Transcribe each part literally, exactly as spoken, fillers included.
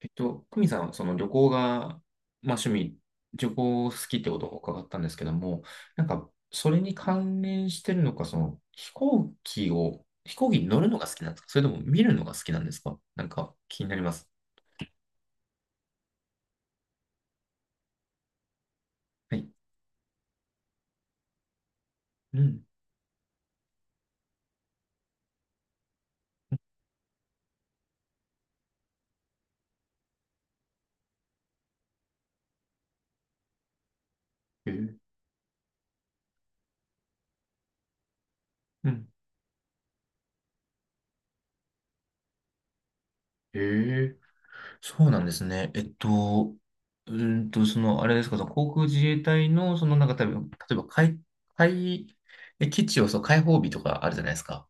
えっと、久美さん、その旅行が、まあ趣味、旅行好きってことを伺ったんですけども、なんか、それに関連してるのか、その飛行機を、飛行機に乗るのが好きなんですか、それとも見るのが好きなんですか、なんか気になります。はい。うん。えー、うん。えー、そうなんですね。えっと、うーんと、その、あれですか、その航空自衛隊の、その、なんか、例えば、例えば、海、海、え基地を、そう、開放日とかあるじゃないですか。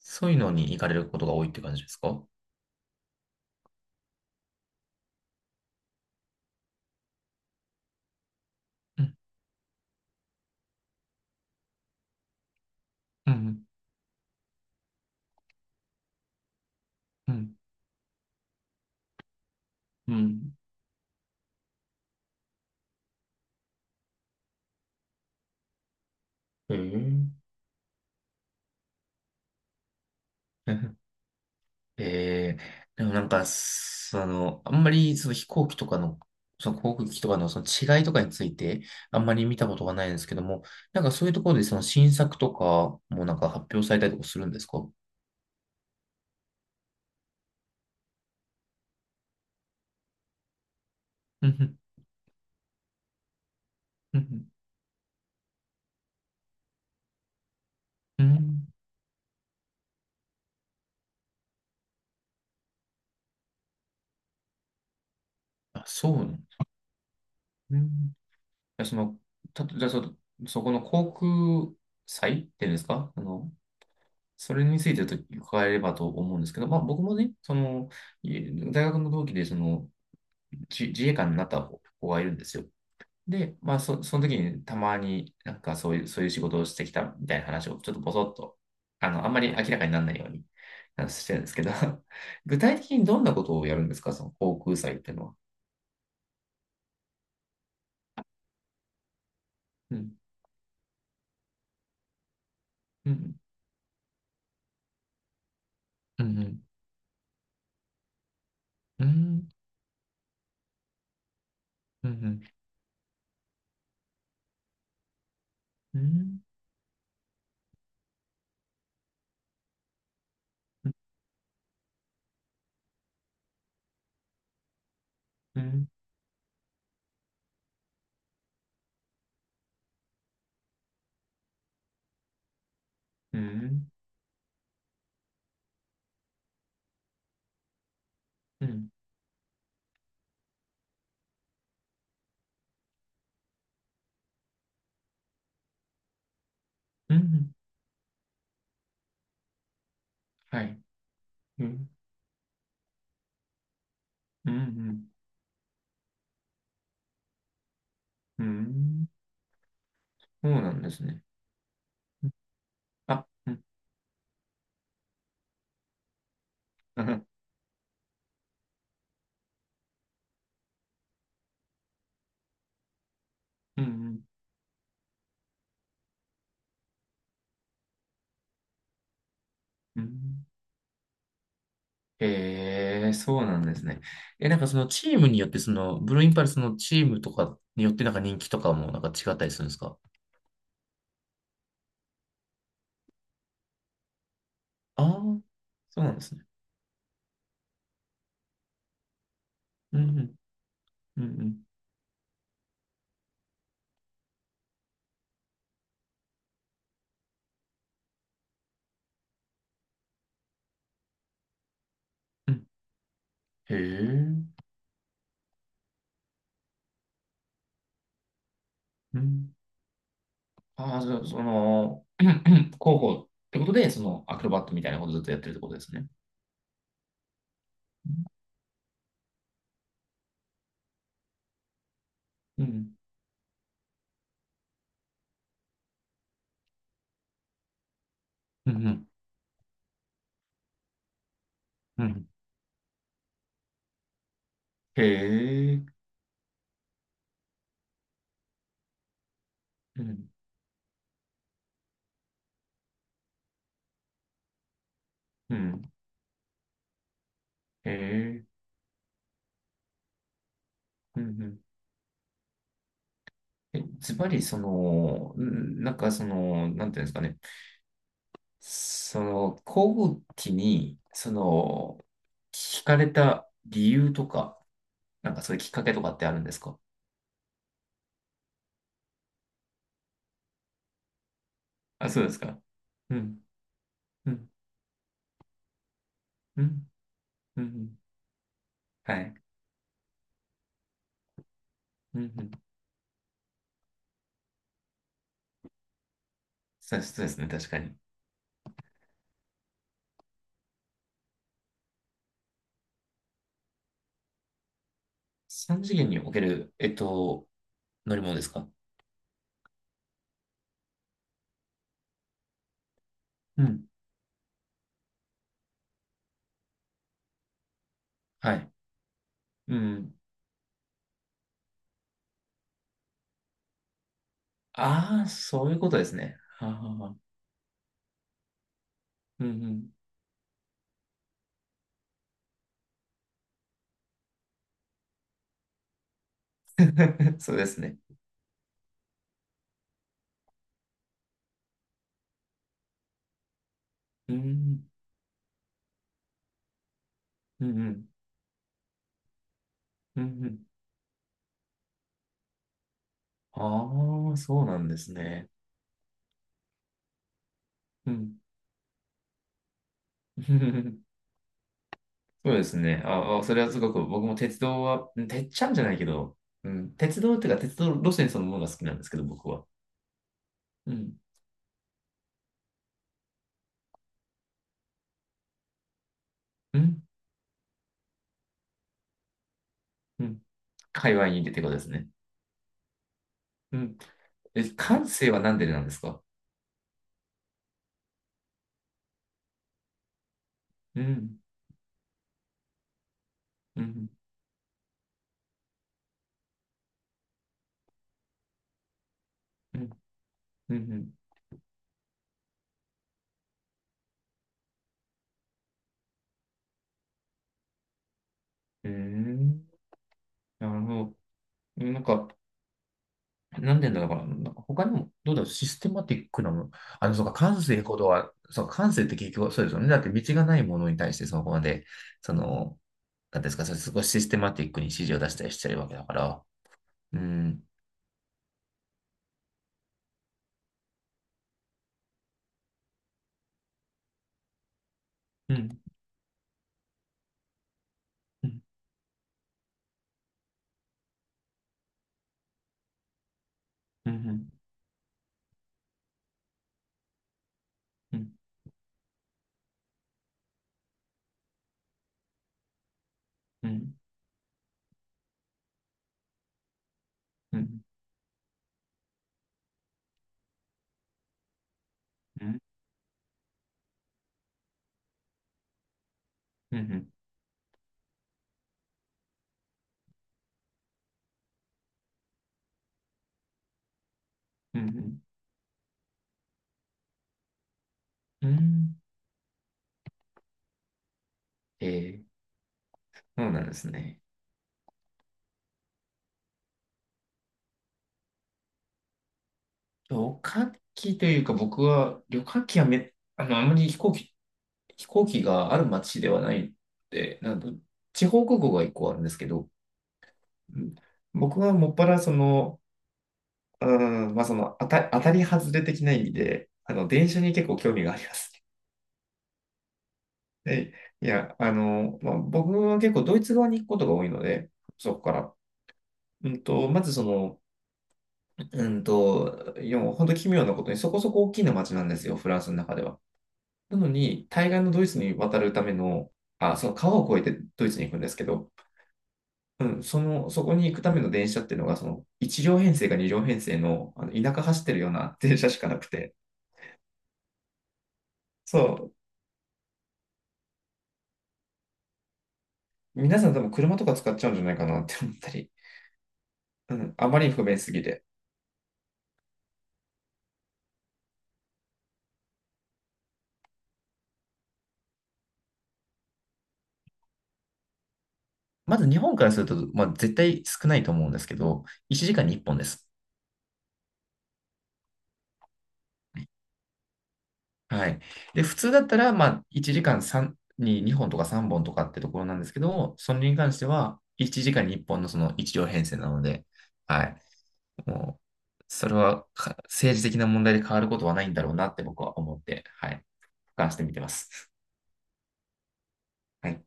そういうのに行かれることが多いって感じですか？うん、うん、うん、うんうん。えー、えー、でもなんか、その、あんまりその飛行機とかの、その航空機とかのその違いとかについて、あんまり見たことがないんですけども、なんかそういうところでその新作とかもなんか発表されたりとかするんですか？うん、うん、うんうん。うん、あ、そうなんですね。うん。じゃあその、た、じゃあそ、そこの航空祭っていうんですか？あの、それについてちょっと伺えればと思うんですけど、まあ、僕もね、その、い大学の同期で、その、じ自衛官になった子がいるんですよ。で、まあ、そ、その時にたまになんかそういう、そういう仕事をしてきたみたいな話をちょっとぼそっと、あの、あんまり明らかにならないようにあのしてるんですけど、具体的にどんなことをやるんですか、その航空祭っていうのは。うん、うん、うん、うん、うん、うん、うん、うん、うん、うん、うん、うん、はい、うん、うん、うん。うん、そうなんですね。あ、うん、うん、うん、うん。ええ、そうなんですね。え、なんかそのチームによって、その、ブルーインパルスのチームとかによって、なんか人気とかもなんか違ったりするんですか？ああー、そうなんですね。うん、うん、うん、うん。へえ、うん。ああ、じゃあ、その、広報ってことで、その、アクロバットみたいなことずっとやってるってことですね。うん、うん、うん、うん。うん、へえ、うん、うん。へえ、うん、うん、え、ズバリ、その、んなんかその、なんていうんですかね、その、航空機に、その、惹かれた理由とか、なんかそういうきっかけとかってあるんですか？あ、そうですか。うん、うん、うん、うん、はい。うん、うん。そうそうですね、確かに。三次元における、えっと、乗り物ですか？うん、はい。うん。ああ、そういうことですね。はあはあはあ、うん、うん。そうですね。うん、うん、うん、うん、うん。ああ、そうなんですね。うん。そうですね。ああ、それはすごく僕も鉄道は、うん、てっちゃんじゃないけど、うん、鉄道っていうか鉄道路線そのものが好きなんですけど、僕は。うん。うん。うん。界隈にいてってことですね。うん。え、感性は何でなんですか？うん。うん。うん。うん。うん。うーん、なるほど。なんか、なんでだから、なんか他にも、どうだろう、システマティックなもの、あの、そうか、感性ほどは、そうか、感性って結局そうですよね。だって道がないものに対して、そこまで、その、なんていうんですか、それ少しシステマティックに指示を出したりしてるわけだから、うん、うん、うん、うん、うん、うん、うん、うん、うん、うん、うん、ええ、そうなんですね。旅客機というか、僕は、旅客機はめ、あの、あまり飛行機、飛行機がある町ではないって、なんだ、地方空港が一個あるんですけど、うん、僕はもっぱらその、うん、まあその当た、当たり外れ的な意味で、あの、電車に結構興味がありますね。で、いや、あの、まあ、僕は結構ドイツ側に行くことが多いので、そこから。うんと、まずその、うんと、いや、もう本当奇妙なことにそこそこ大きな町なんですよ、フランスの中では。なのに、対岸のドイツに渡るための、あ、その川を越えてドイツに行くんですけど、うん、その、そこに行くための電車っていうのが、その、いち両編成かに両編成の、あの田舎走ってるような 電車しかなくて、そう、皆さん多分車とか使っちゃうんじゃないかなって思ったり、うん、あまりに不便すぎて。まず日本からすると、まあ、絶対少ないと思うんですけど、いちじかんにいっぽんです。はい。で、普通だったら、まあ、いちじかん、さんににほんとかさんぼんとかってところなんですけど、それに関しては、いちじかんにいっぽんのそのいち両編成なので、はい。もう、それはか政治的な問題で変わることはないんだろうなって僕は思って、はい。俯瞰してみてます。はい。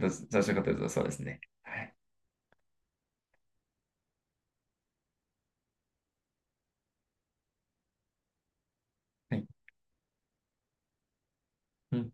どうぞ、どうしようかというと、そうですね。はい。はい。うん。